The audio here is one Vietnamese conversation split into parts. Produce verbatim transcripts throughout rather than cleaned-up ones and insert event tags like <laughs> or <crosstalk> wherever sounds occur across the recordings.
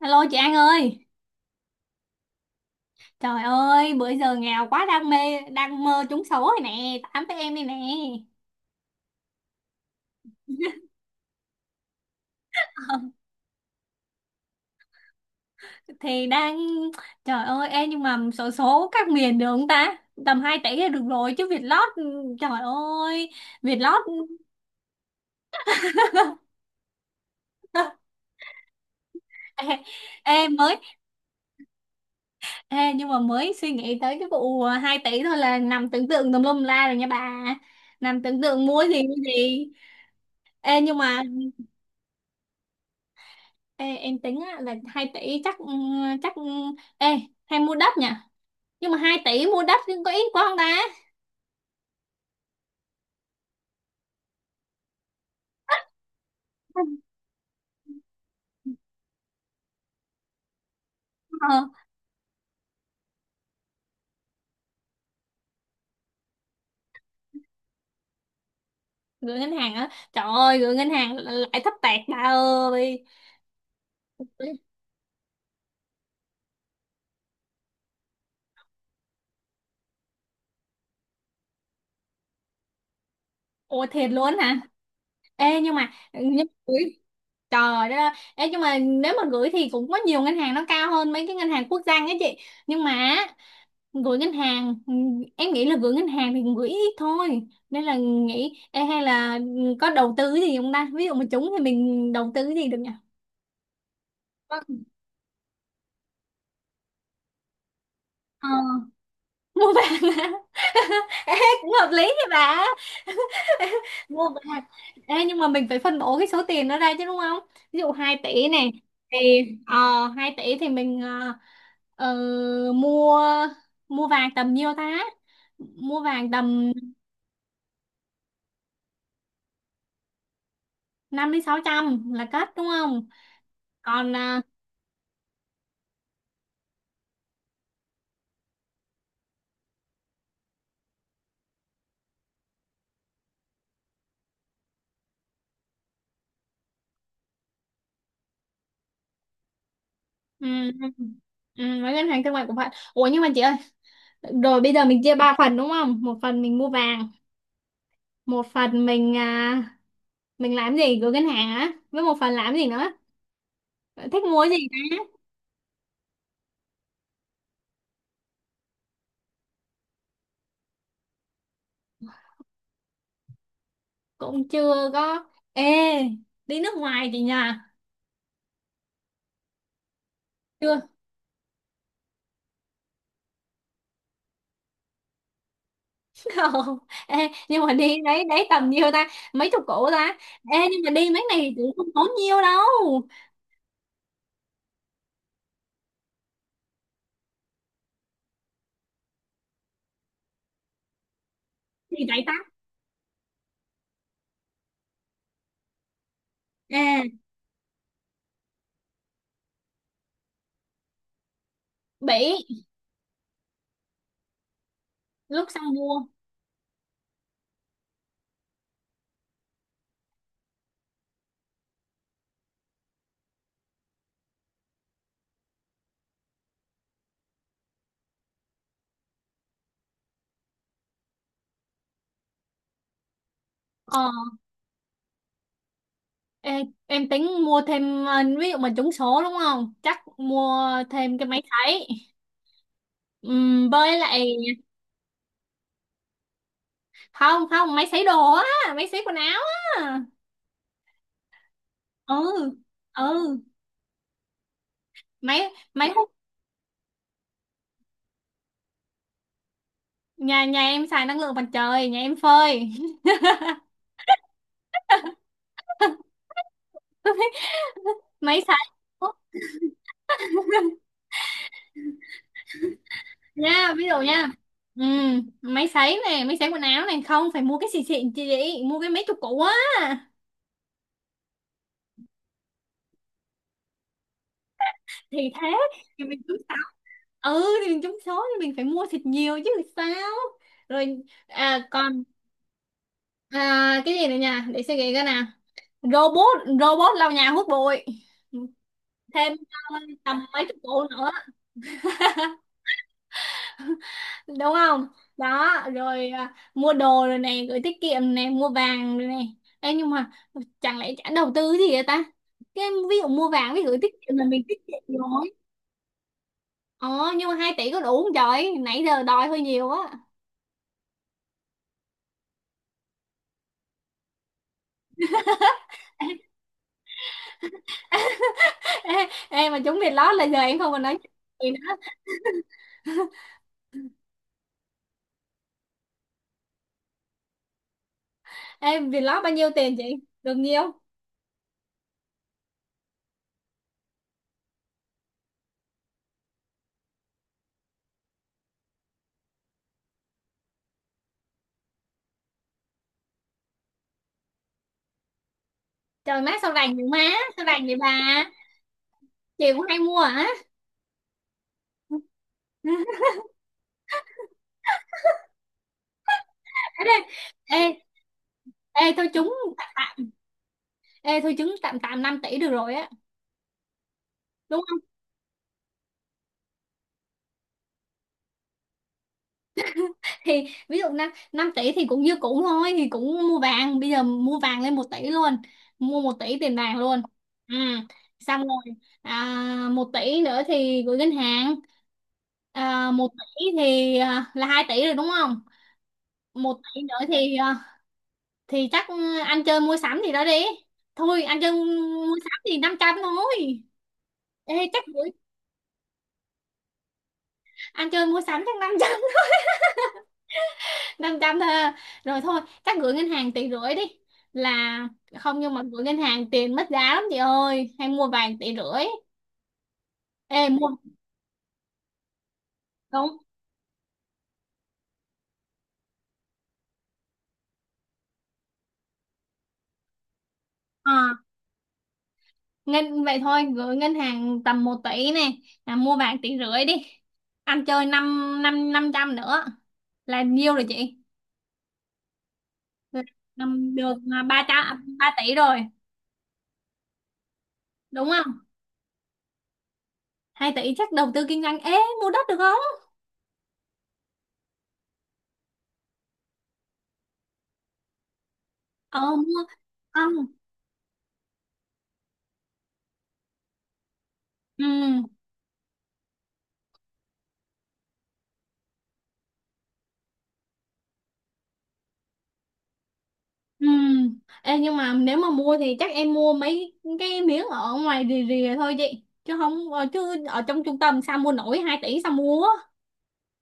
Alo chị An ơi. Trời ơi, bữa giờ nghèo quá, đang mê đang mơ trúng số rồi nè, tám với em đây nè. <laughs> Ờ, thì đang Trời ơi em, nhưng mà số số các miền được không ta, tầm hai tỷ là được rồi chứ Vietlott, trời ơi Vietlott. <laughs> Ê, em mới ê, nhưng mà mới suy nghĩ tới cái vụ hai tỷ thôi là nằm tưởng tượng tùm lum la rồi nha bà, nằm tưởng tượng mua gì mua gì. Ê nhưng mà Ê, em tính á, là hai tỷ chắc ừ, chắc ừ, ê hay mua đất nhỉ, nhưng mà hai tỷ mua đất nhưng có ít quá không ta. ờ, Gửi ngân hàng á, trời ơi gửi ngân hàng lại thấp tẹt bà ơi. Ôi thiệt luôn hả? Ê nhưng mà nhưng gửi Trời đó, ê nhưng mà nếu mà gửi thì cũng có nhiều ngân hàng nó cao hơn mấy cái ngân hàng quốc doanh á chị, nhưng mà gửi ngân hàng, ừ, em nghĩ là gửi ngân hàng thì gửi ít thôi, nên là nghĩ ê, hay là có đầu tư cái gì không ta, ví dụ mà trúng thì mình đầu tư cái gì được nhỉ. Vâng. <laughs> Ờ, mua vàng á. <laughs> ê, Cũng hợp lý thì bà. <laughs> Mua vàng. Ê, nhưng mà mình phải phân bổ cái số tiền đó ra chứ, đúng không? Ví dụ hai tỷ này thì ờ hai tỷ thì mình ờ, ờ, mua mua vàng tầm nhiêu ta, mua vàng tầm. Năm đến sáu trăm là cất, đúng không? Còn à, ừ, ừ, ừ, với ngân hàng thương mại của bạn. Ủa, nhưng mà chị ơi, rồi bây giờ mình chia ba phần đúng không, một phần mình mua vàng, một phần mình à, mình làm gì, gửi ngân hàng á, với một phần làm gì nữa, thích mua cái gì ta? Cũng chưa có. Ê, đi nước ngoài chị nhà. Chưa. <laughs> Không. Ê, nhưng mà đi đấy đấy tầm nhiêu ta, mấy chục củ ta? Ê, nhưng mà đi mấy này cũng không tốn nhiêu đâu. Thì đại ta. Ê, Bỉ. Lúc xong mua. Ờ. Ê, em tính mua thêm ờ, ví dụ mà trúng số đúng không, chắc mua thêm cái máy sấy. Ừm, với lại. Không không, máy sấy đồ á, máy sấy quần áo á. Ừ, ừ, máy máy hút. Nhà nhà em xài năng lượng mặt trời, nhà em phơi. <laughs> Máy sấy. Nha, ví dụ nha. Ừ, máy sấy này máy sấy quần áo này không phải mua cái xịn xịn, chị chị mua cái mấy chục củ á. Thì thế. thì mình cứ ừ thì mình trúng số thì mình phải mua thịt nhiều chứ sao. Rồi à, còn à, cái gì nữa nha, để suy nghĩ cái nào. Robot robot lau nhà hút bụi thêm. Ờ, tầm mấy chục bộ nữa, đúng không? Đó rồi à, mua đồ rồi này, gửi tiết kiệm này, mua vàng rồi này. Ê, nhưng mà chẳng lẽ chẳng đầu tư gì vậy ta? Cái ví dụ mua vàng với gửi tiết kiệm là mình tiết kiệm rồi. ờ nhưng mà hai tỷ có đủ không trời, nãy giờ đòi hơi nhiều á. Ê, ê mà trúng Việt lót là giờ em không còn nói chuyện gì nữa. Ê, Việt lót bao nhiêu tiền chị, được nhiêu? Trời má sao rành vậy má. Sao rành vậy bà, chị cũng hay mua hả? <laughs> ê, đây, ê, ê thôi trúng tạm tạm Ê, thôi trúng tạm tạm năm tỷ được rồi á. Đúng, thì ví dụ năm năm tỷ thì cũng như cũ thôi, thì cũng mua vàng, bây giờ mua vàng lên một tỷ luôn, mua một tỷ tiền vàng luôn. Ừ. Xong rồi, à, một tỷ nữa thì gửi ngân hàng, à, một tỷ thì à, là hai tỷ rồi đúng không? Một tỷ nữa thì à, thì chắc ăn chơi mua sắm gì đó đi. Thôi, ăn chơi mua sắm thì năm trăm thôi. Ê, chắc gửi Ăn chơi mua sắm chắc năm trăm, năm trăm thôi à. Rồi thôi chắc gửi ngân hàng tỷ rưỡi đi. Là, không, nhưng mà gửi ngân hàng tiền mất giá lắm chị ơi, hay mua vàng tỷ rưỡi. Ê mua Đúng. À, ngân Vậy thôi, gửi ngân hàng tầm một tỷ này là mua vàng tỷ rưỡi đi, ăn chơi năm năm năm trăm nữa là nhiêu rồi chị. Là năm được là ba trăm ba tỷ rồi đúng không? Hai tỷ chắc đầu tư kinh doanh ế, mua đất được không? Ờ mua Không. Ừ. Ừ. Ê, nhưng mà nếu mà mua thì chắc em mua mấy cái miếng ở ngoài rìa rìa thôi chị, chứ không ờ, chứ ở trong trung tâm sao mua nổi hai tỷ, sao mua?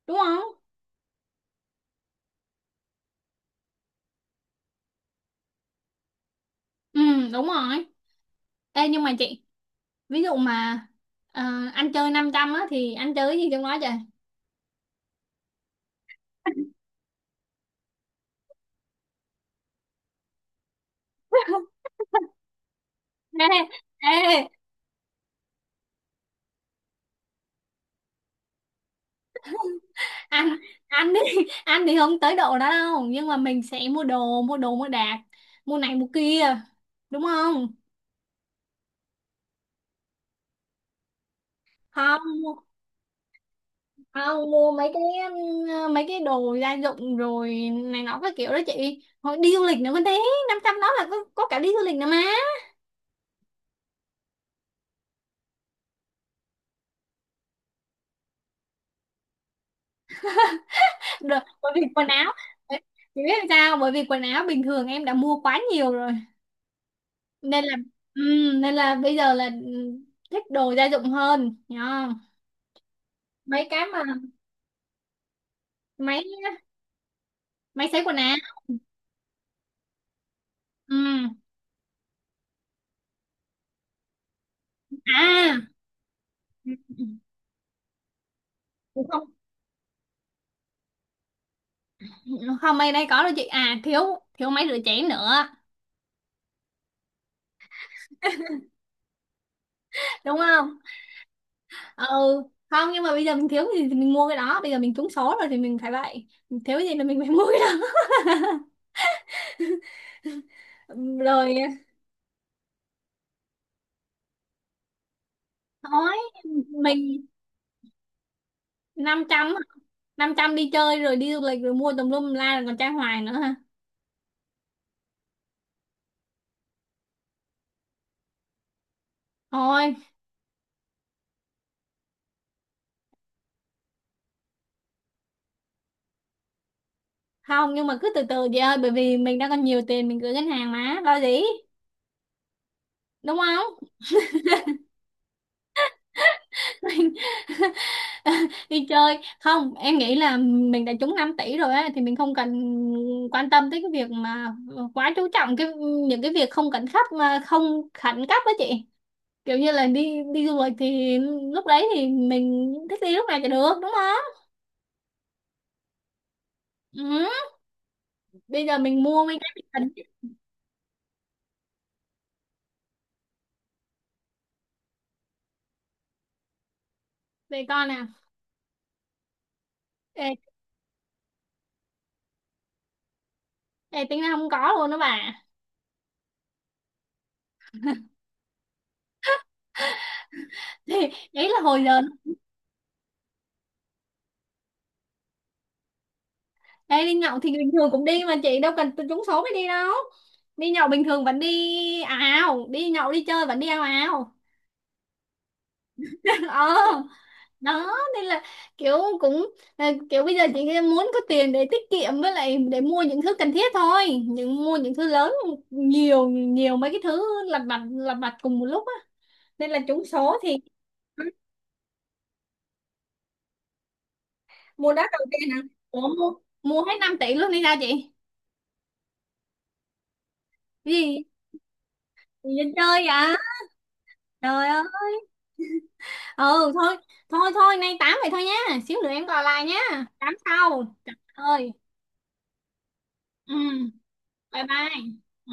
Đúng không? Ừ, đúng rồi. Ê, nhưng mà chị, ví dụ mà ờ, anh chơi năm trăm á thì anh chơi cái gì trong đó chị? <laughs> ê, ê, anh anh đi. <laughs> Anh thì không tới độ đó đâu, nhưng mà mình sẽ mua đồ mua đồ mua đạc, mua này mua kia đúng không? Không. À, mua mấy cái um, mấy cái đồ gia dụng rồi này nọ các kiểu đó chị, hồi đi du lịch nữa còn thế. Năm trăm đó là có, có cả đi du lịch nữa mà. Rồi bởi vì quần áo Đấy, chị biết làm sao, bởi vì quần áo bình thường em đã mua quá nhiều rồi, nên là ừm, nên là bây giờ là ừm, thích đồ gia dụng hơn hiểu. Mấy cái mà máy máy sấy quần áo. Ừm. À, không không, mấy đây có đâu chị, à thiếu thiếu máy rửa chén nữa, đúng không? Ừ, không, nhưng mà bây giờ mình thiếu cái gì thì mình mua cái đó, bây giờ mình trúng số rồi thì mình phải vậy, mình thiếu cái gì là mình phải <laughs> mua cái đó. <laughs> Rồi, thôi mình năm trăm, năm trăm đi chơi rồi đi du lịch rồi mua tùm lum la rồi còn trai hoài nữa ha. Thôi, không, nhưng mà cứ từ từ chị ơi, bởi vì mình đang còn nhiều tiền mình gửi ngân hàng mà lo gì, đúng không? <laughs> Mình <laughs> đi chơi. Không, em nghĩ là mình đã trúng năm tỷ rồi á thì mình không cần quan tâm tới cái việc mà quá chú trọng cái những cái việc không khẩn cấp mà không khẩn cấp á chị, kiểu như là đi đi du lịch thì lúc đấy thì mình thích đi lúc nào thì được đúng không? Ừ. Bây giờ mình mua mấy cái mình cần. Để coi nè. Ê, ê, Tính ra không có luôn đó bà. <laughs> Thì đấy là hồi giờ. Ê, đi nhậu thì bình thường cũng đi mà, chị đâu cần trúng số mới đi đâu, đi nhậu bình thường vẫn đi ào ào, đi nhậu đi chơi vẫn đi ào ào. <laughs> Ờ. Đó nên là kiểu, cũng là kiểu bây giờ chị muốn có tiền để tiết kiệm với lại để mua những thứ cần thiết thôi, những mua những thứ lớn, nhiều nhiều mấy cái thứ lặt vặt lặt vặt cùng một lúc á, nên là trúng số thì mua đất đầu tiên à. Ủa, mua mua hết năm tỷ luôn đi sao chị? Cái gì? Gì chơi à? Trời ơi. Ừ thôi, thôi thôi, nay tám vậy thôi nhá, xíu nữa em gọi lại nhá, tám sau, trời ơi. Ừ, bye bye. Ừ.